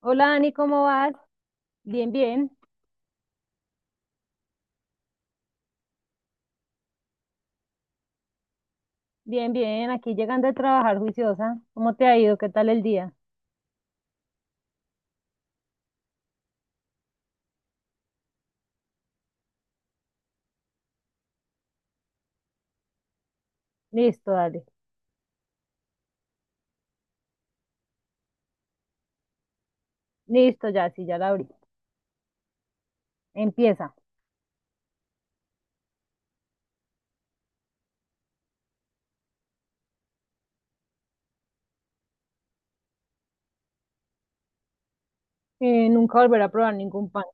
Hola Ani, ¿cómo vas? Bien, bien, bien, bien. Aquí llegando a trabajar juiciosa. ¿Cómo te ha ido? ¿Qué tal el día? Listo, dale. Listo, ya, sí, ya la abrí. Empieza. Nunca volveré a probar ningún pan.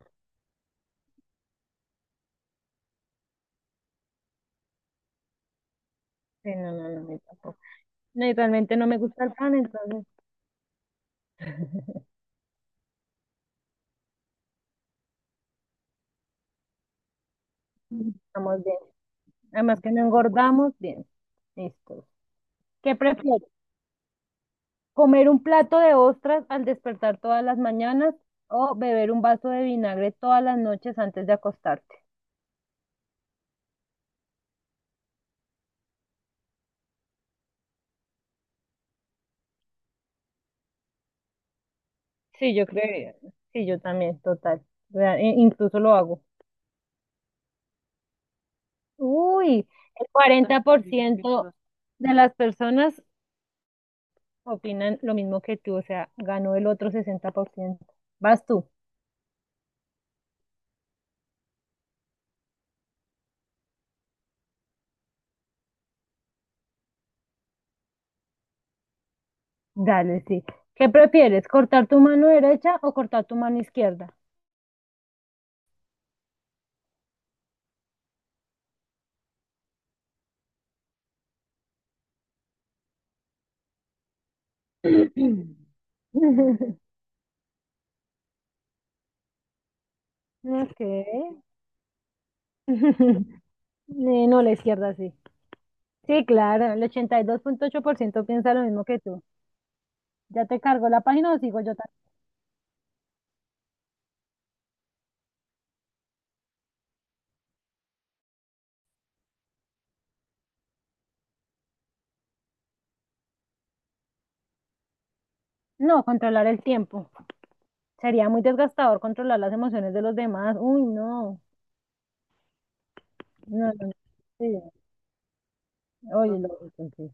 Sí, no, no, no, no, tampoco. No, y realmente no me gusta el pan, entonces estamos bien. Además que no engordamos, bien. Listo. ¿Qué prefieres? ¿Comer un plato de ostras al despertar todas las mañanas o beber un vaso de vinagre todas las noches antes de acostarte? Sí, yo creo, sí, yo también, total. Incluso lo hago. Uy, el 40% de las personas opinan lo mismo que tú, o sea, ganó el otro 60%. Vas tú, dale, sí. ¿Qué prefieres, cortar tu mano derecha o cortar tu mano izquierda? Ok. No, la izquierda sí. Sí, claro, el 82.8% piensa lo mismo que tú. ¿Ya te cargo la página o sigo yo? No, controlar el tiempo. Sería muy desgastador controlar las emociones de los demás. Uy, no. No, no, no. Sí, oye, lógico, sí.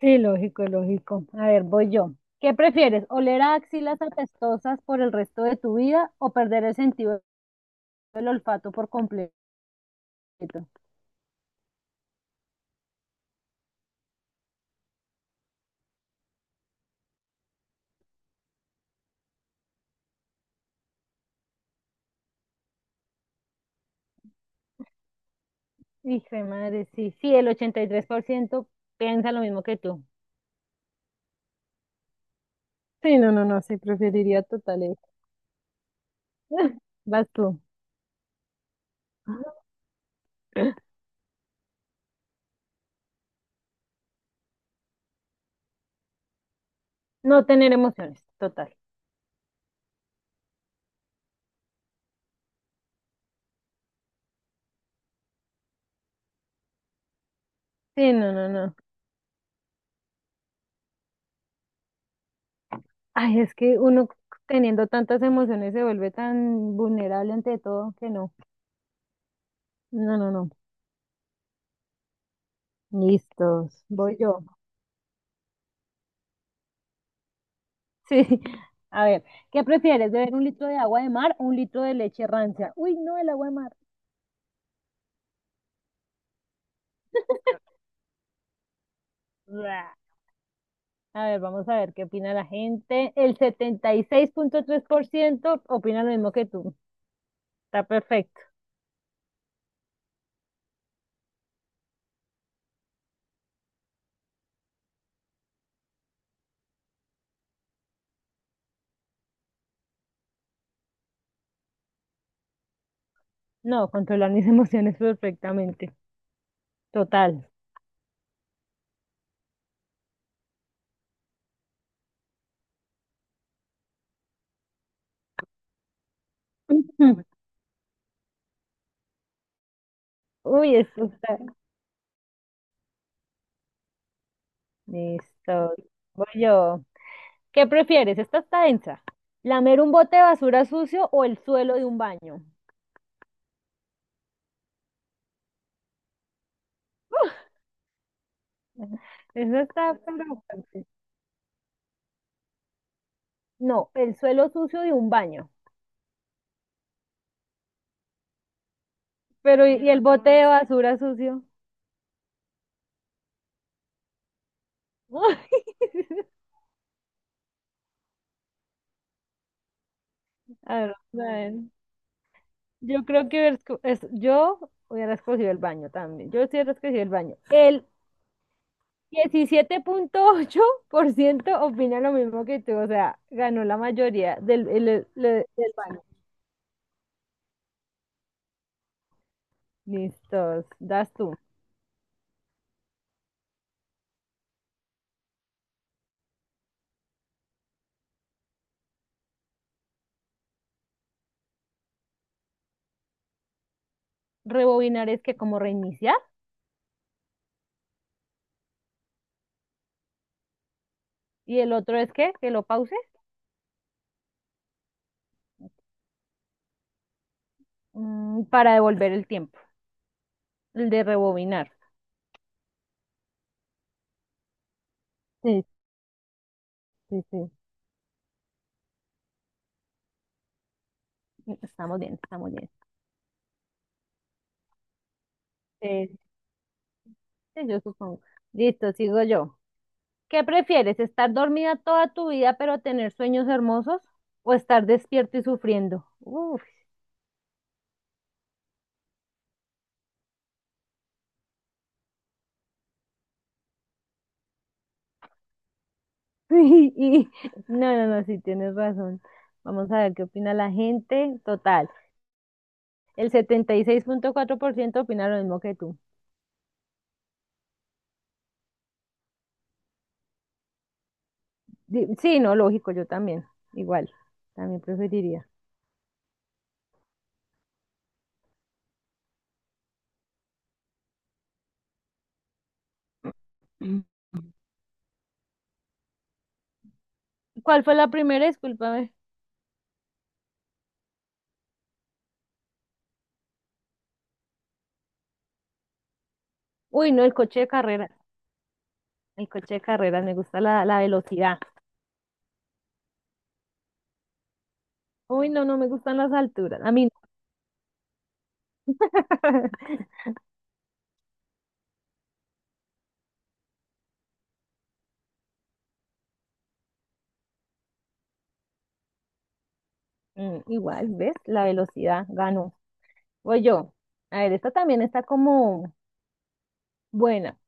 Sí, lógico, lógico. A ver, voy yo. ¿Qué prefieres? ¿Oler a axilas apestosas por el resto de tu vida o perder el sentido del olfato por completo? Hijo de madre, sí. Sí, el 83% piensa lo mismo que tú. Sí, no, no, no, sí, preferiría total eso. Vas tú. No tener emociones, total. Sí, no, no, no. Ay, es que uno teniendo tantas emociones se vuelve tan vulnerable ante todo que no. No, no, no. Listos. Voy yo. Sí. A ver, ¿qué prefieres? ¿Beber un litro de agua de mar o un litro de leche rancia? Uy, no, el agua de mar. Blah. A ver, vamos a ver qué opina la gente. El 76.3% opina lo mismo que tú. Está perfecto. No, controlar mis emociones perfectamente. Total. Uy, esto está. Listo. Voy yo. ¿Qué prefieres? Esta está densa. ¿Lamer un bote de basura sucio o el suelo de un baño? Eso está, pero fuerte. No, el suelo sucio de un baño. Pero, ¿y el bote de basura sucio? A ver, vamos a ver. Yo creo que hubiera yo hubiera escogido el baño también. Yo sí hubiera escogido el baño. El 17.8% opina lo mismo que tú, o sea, ganó la mayoría del baño. Listos, das tú. Rebobinar es que como reiniciar. Y el otro es que, lo pause para devolver el tiempo, el de rebobinar. Sí, sí, sí. Estamos bien, estamos bien. Eh, sí, yo supongo. Listo, sigo yo. ¿Qué prefieres, estar dormida toda tu vida pero tener sueños hermosos o estar despierto y sufriendo? Uf, y- no, no, no, sí, tienes razón. Vamos a ver qué opina la gente. Total, el 76.4% opina lo mismo que tú. Sí, no, lógico, yo también, igual, también preferiría. ¿Cuál fue la primera? Discúlpame. Uy, no, el coche de carreras. El coche de carreras, me gusta la, la velocidad. Uy, no, no me gustan las alturas. A mí no. Mm, igual, ¿ves? La velocidad ganó. Voy yo. A ver, esta también está como buena.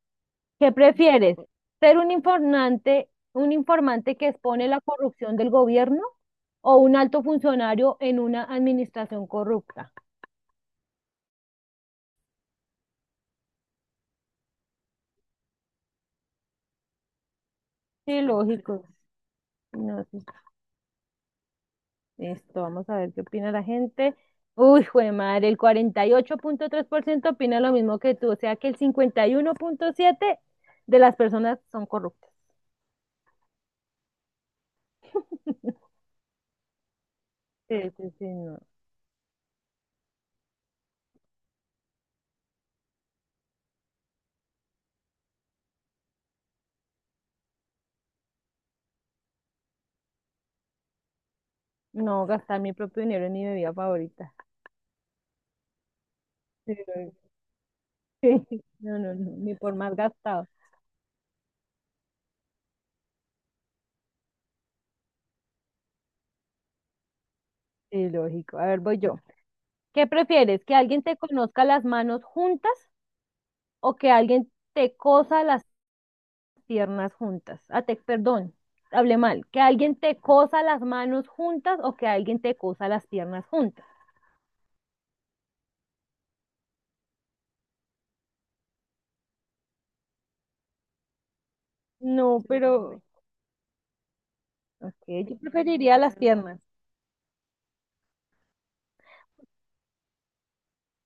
¿Qué prefieres? ¿Ser un informante que expone la corrupción del gobierno o un alto funcionario en una administración corrupta? Sí, lógico. No, sí, esto, vamos a ver qué opina la gente. Uy, jue madre, el 48.3% opina lo mismo que tú, o sea que el 51.7% de las personas son corruptas. Sí, sí, sí, no. No gastar mi propio dinero en mi bebida favorita. Sí, lógico. No, no, no, ni por más gastado. Sí, lógico. A ver, voy yo. ¿Qué prefieres? ¿Que alguien te conozca las manos juntas o que alguien te cosa las piernas juntas? Ah, te, perdón, hablé mal. Que alguien te cosa las manos juntas o que alguien te cosa las piernas juntas. No, pero okay, yo preferiría las piernas.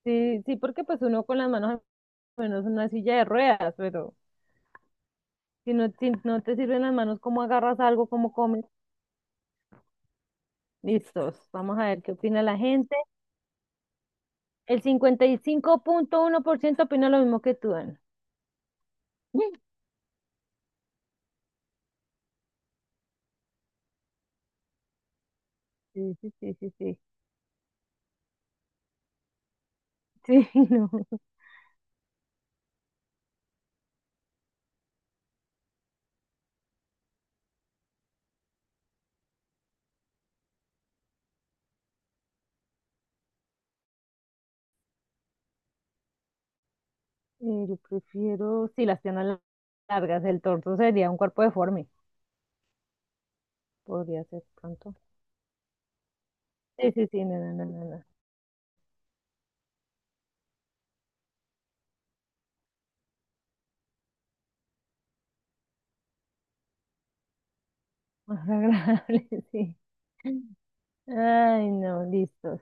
Sí, sí, porque pues uno con las manos, bueno, es una silla de ruedas, pero si no, si no te sirven las manos, ¿cómo agarras algo? ¿Cómo comes? Listos, vamos a ver qué opina la gente. El 55.1% opina lo mismo que tú, Ana. Sí, sí, sí, sí, sí. Sí, no. Yo prefiero, sí, las piernas largas, el torso sería un cuerpo deforme, podría ser pronto. Sí, sí, sí, no, no, no, no, no. Más agradable, sí. Ay, no, listos.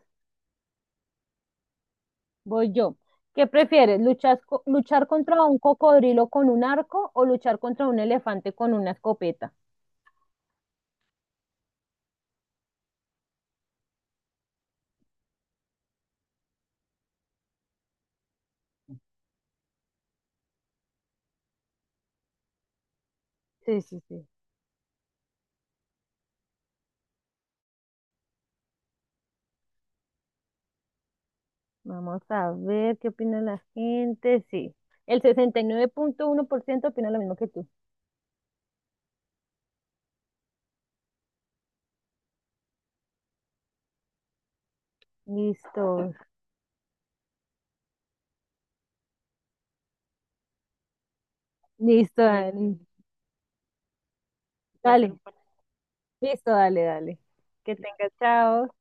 Voy yo. ¿Qué prefieres? ¿Luchar, luchar contra un cocodrilo con un arco o luchar contra un elefante con una escopeta? Sí, sí, sí. Vamos a ver qué opina la gente. Sí. El 69.1% opina lo mismo que tú. Listo. Listo, Dani. Dale. Listo, dale, dale. Que tengas, chao.